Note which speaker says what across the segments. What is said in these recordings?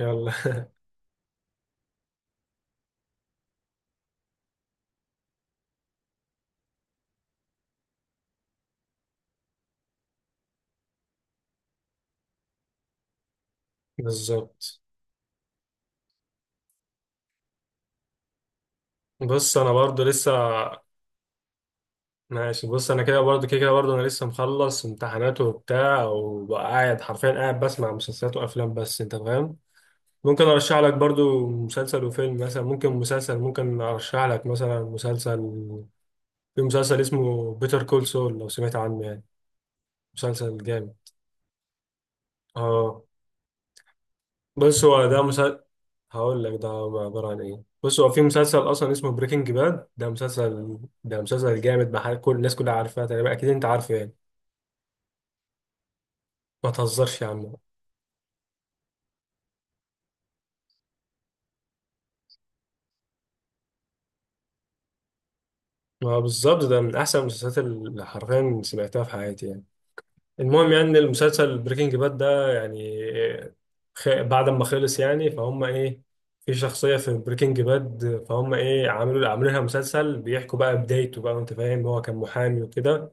Speaker 1: يلا. بالظبط. بص، انا برضو لسه ماشي. بص انا كده برضو كده برضو، انا لسه مخلص امتحانات وبتاع، وقاعد حرفيا قاعد بسمع مسلسلات وافلام، بس انت فاهم. ممكن ارشح لك برضو مسلسل وفيلم مثلا، ممكن ارشح لك مثلا مسلسل. في مسلسل اسمه بيتر كول سول، لو سمعت عنه يعني، مسلسل جامد. اه، بص هو ده. هقول لك ده عبارة عن ايه. بص، هو في مسلسل اصلا اسمه بريكنج باد، ده مسلسل، ده مسلسل جامد بحال، كل الناس كلها عارفاه تقريبا، اكيد انت عارفه يعني. ما تهزرش يا عم. ما بالظبط ده من احسن المسلسلات اللي حرفيا سمعتها في حياتي يعني. المهم، يعني إن المسلسل بريكنج باد ده يعني بعد ما خلص يعني، فهم ايه، في شخصية في بريكنج باد، فهم ايه، عملوا لها مسلسل بيحكوا بقى بدايته بقى، انت فاهم، هو كان محامي وكده.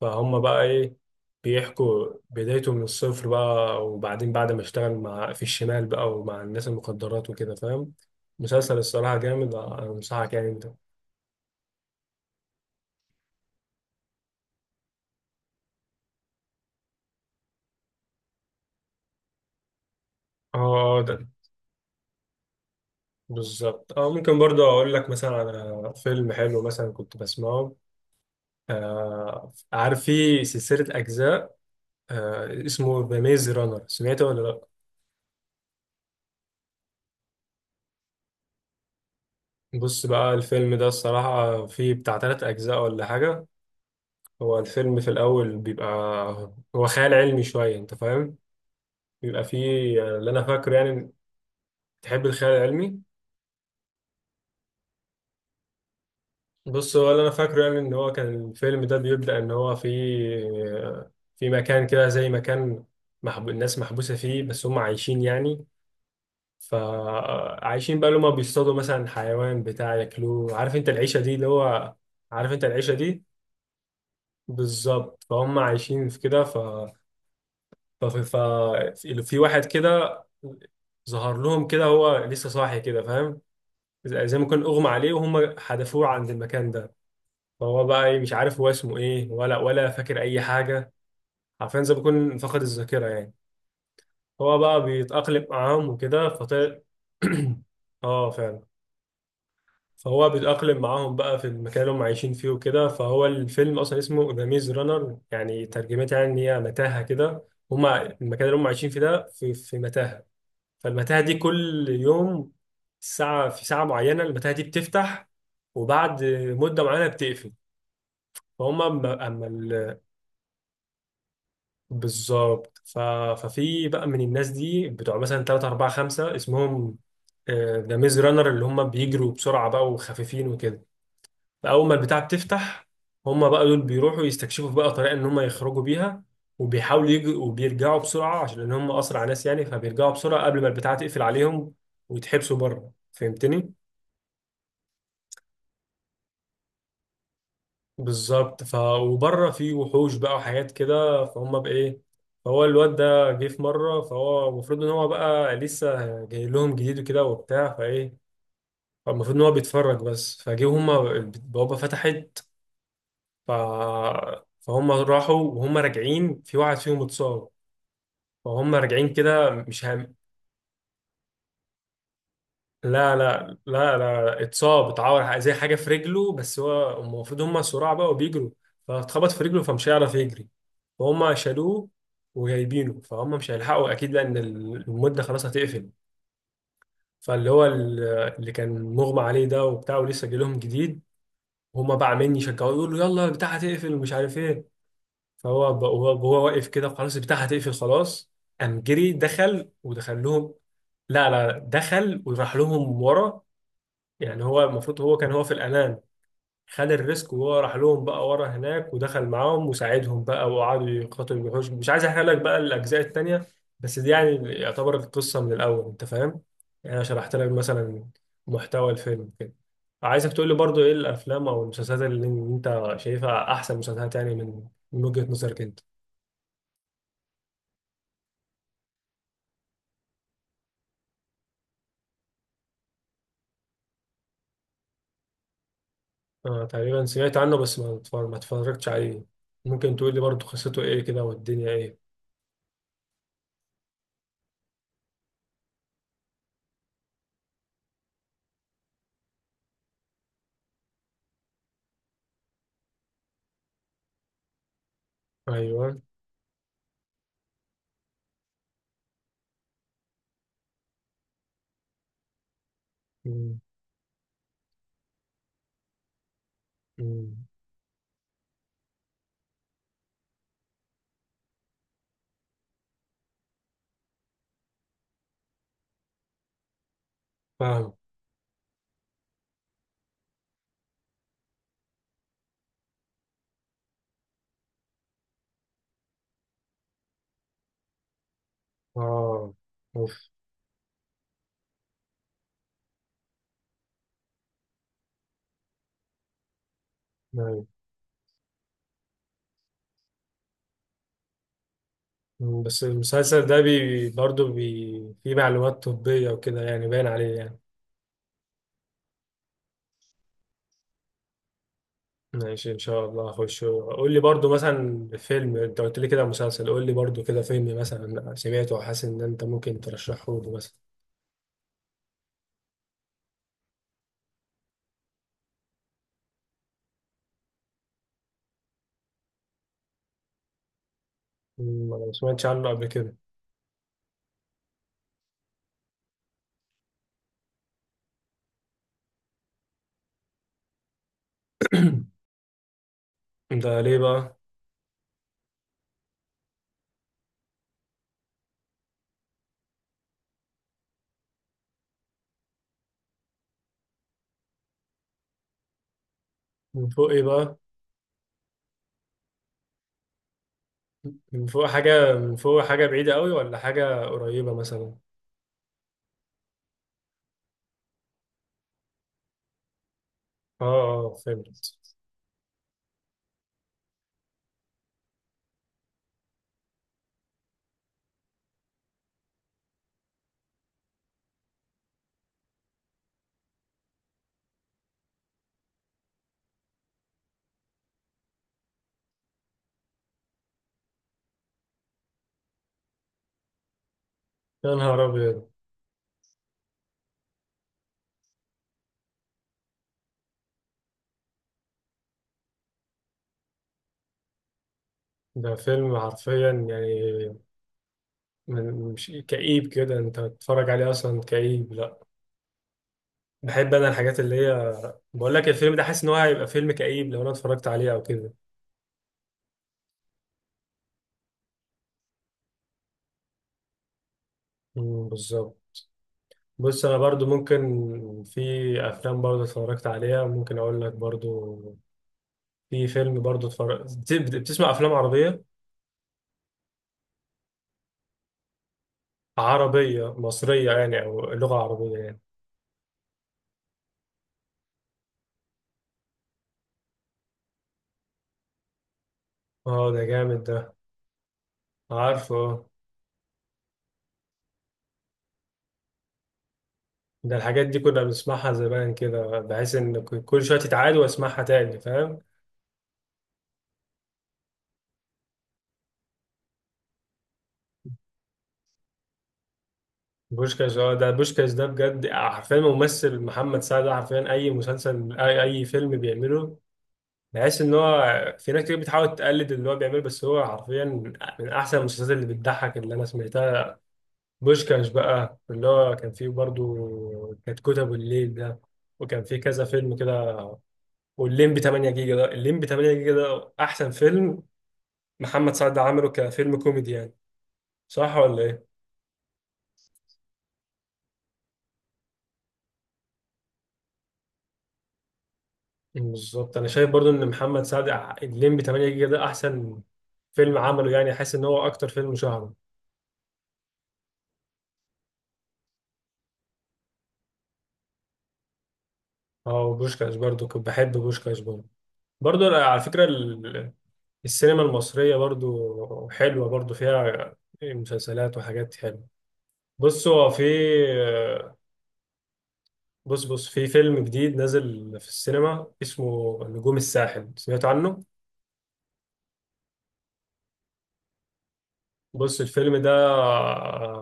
Speaker 1: فهم بقى ايه، بيحكوا بدايته من الصفر بقى، وبعدين بعد ما اشتغل مع، في الشمال بقى، ومع الناس المخدرات وكده، فاهم. مسلسل الصراحة جامد، انصحك يعني انت. اه آه، ده بالظبط. اه، ممكن برضه اقول لك مثلا على فيلم حلو مثلا كنت بسمعه. آه، عارف في سلسلة أجزاء، آه اسمه ذا ميز رانر، سمعته ولا لأ؟ بص بقى، الفيلم ده الصراحة فيه بتاع تلات أجزاء ولا حاجة. هو الفيلم في الأول بيبقى، هو خيال علمي شوية، أنت فاهم؟ بيبقى فيه يعني، اللي أنا فاكره يعني. تحب الخيال العلمي؟ بص، هو اللي أنا فاكره يعني إن هو كان الفيلم ده بيبدأ إن هو في، في مكان كده زي مكان الناس محبوسة فيه، بس هم عايشين يعني. فعايشين بقى، اللي هم بيصطادوا مثلا حيوان بتاع ياكلوه. عارف أنت العيشة دي، اللي هو، عارف أنت العيشة دي؟ بالظبط. فهم عايشين في كده، ففي في واحد كده ظهر لهم كده، هو لسه صاحي كده، فاهم. زي ما كان اغمى عليه وهم حدفوه عند المكان ده. فهو بقى إيه، مش عارف هو اسمه ايه، ولا فاكر اي حاجه. عارفين، زي ما يكون فقد الذاكره يعني. هو بقى بيتاقلم معاهم وكده، فطلع. اه، فعلا. فهو بيتاقلم معاهم بقى في المكان اللي هم عايشين فيه وكده. فهو الفيلم اصلا اسمه ذا ميز رانر، يعني ترجمتها يعني ان هي متاهه كده. هم المكان اللي هم عايشين فيه ده في متاهه. فالمتاهة دي كل يوم، ساعة، في ساعة معينة المتاهة دي بتفتح، وبعد مدة معينة بتقفل. فهم بالظبط. ففي بقى من الناس دي بتوع مثلا 3 4 5 اسمهم ذا ميز رانر، اللي هم بيجروا بسرعة بقى وخفيفين وكده. فأول ما البتاع بتفتح، هم بقى دول بيروحوا يستكشفوا بقى طريقة إن هم يخرجوا بيها، وبيحاولوا يجوا وبيرجعوا بسرعة، عشان إن هم أسرع ناس يعني، فبيرجعوا بسرعة قبل ما البتاع تقفل عليهم ويتحبسوا بره، فهمتني؟ بالظبط. وبره في وحوش بقى وحاجات كده، فهم بايه. فهو الواد ده جه في مره، فهو المفروض ان هو بقى لسه جاي لهم جديد وكده وبتاع، فايه فالمفروض ان هو بيتفرج بس، فجه هما البوابه فتحت. ف فهم راحوا، وهم راجعين في واحد فيهم اتصاب. فهم راجعين كده، مش هم. لا اتصاب، اتعور زي حاجه في رجله، بس هو، هم المفروض هم سراع بقى وبيجروا، فاتخبط في رجله فمش هيعرف يجري. فهم شالوه وجايبينه، فهم مش هيلحقوا اكيد لان المده خلاص هتقفل. فاللي هو ال- اللي كان مغمى عليه ده وبتاع ولسه جاي لهم جديد، هم بقى عمالين يشجعوه يقولوا يلا البتاع هتقفل ومش عارف ايه. فهو وهو واقف كده، خلاص البتاع هتقفل خلاص، قام جري دخل ودخل لهم. لا دخل وراح لهم ورا. يعني هو المفروض هو كان هو في الأمان، خد الريسك وهو راح لهم بقى ورا هناك، ودخل معاهم وساعدهم بقى، وقعدوا يقاتلوا الوحوش. مش عايز احرق لك بقى الأجزاء التانية، بس دي يعني يعتبر القصة من الأول، أنت فاهم؟ يعني أنا شرحت لك مثلا محتوى الفيلم كده. عايزك تقول لي برضو إيه الأفلام أو المسلسلات اللي أنت شايفها أحسن مسلسلات يعني، من وجهة نظرك أنت. آه تقريبا سمعت عنه، بس ما اتفرجتش عليه. ممكن تقول لي برضو قصته إيه كده، والدنيا إيه؟ أيوه. مم. مم. فاهم. اه. اوف. نعم. مم، بس المسلسل ده بي فيه معلومات طبية وكده يعني، باين عليه يعني. ماشي، ان شاء الله اخش. قول لي برضه مثلا فيلم، انت قلت لي كده مسلسل، قول لي برضه كده فيلم مثلا سمعته وحاسس ان انت ممكن ترشحه لي مثلا. مم، انا ما سمعتش عنه قبل كده. ده ليه بقى؟ من فوق ايه بقى؟ من فوق حاجة، من فوق حاجة بعيدة قوي ولا حاجة قريبة مثلا؟ اه اه فهمت. يا نهار أبيض. ده فيلم حرفيا يعني، مش كئيب كده انت تتفرج عليه؟ اصلا كئيب؟ لا، بحب انا الحاجات اللي هي. بقول لك الفيلم ده حاسس ان هو هيبقى فيلم كئيب لو انا اتفرجت عليه او كده. مم، بالظبط. بص انا برضو ممكن، في افلام برضو اتفرجت عليها ممكن اقول لك برضو، في فيلم برضو اتفرجت. بتسمع افلام عربية؟ عربية مصرية يعني او لغة عربية يعني؟ اه، ده جامد ده. عارفه آه. ده الحاجات دي كنا بنسمعها زمان كده، بحيث ان كل شوية تتعاد واسمعها تاني، فاهم. بوشكاش، اه، ده بوشكاش ده بجد حرفيا، ممثل محمد سعد ده حرفيا اي مسلسل، اي فيلم بيعمله، بحس ان هو، في ناس كتير بتحاول تقلد اللي هو بيعمله، بس هو حرفيا من احسن المسلسلات اللي بتضحك اللي انا سمعتها. بوشكاش بقى اللي هو كان فيه برضو، كانت كتب الليل ده، وكان فيه كذا فيلم كده. والليمبي 8 جيجا ده، الليمبي 8 جيجا ده احسن فيلم محمد سعد عمله كفيلم كوميدي يعني، صح ولا ايه؟ بالظبط، انا شايف برضو ان محمد سعد الليمبي 8 جيجا ده احسن فيلم عمله يعني، حاسس ان هو اكتر فيلم شهره. اه، وبوشكاش برضو كنت بحب بوشكاش برضو. برضو أنا على فكره السينما المصريه برضو حلوه، برضو فيها مسلسلات وحاجات حلوه. بص هو في بص في فيلم جديد نازل في السينما اسمه نجوم الساحل، سمعت عنه؟ بص الفيلم ده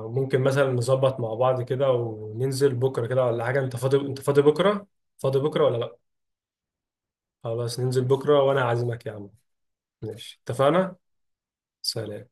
Speaker 1: ممكن مثلا نظبط مع بعض كده وننزل بكرة كده ولا حاجة، انت فاضي، انت فاضي بكرة؟ فاضي بكرة ولا لا؟ خلاص، ننزل بكرة وانا عازمك يا عم. ماشي اتفقنا. سلام.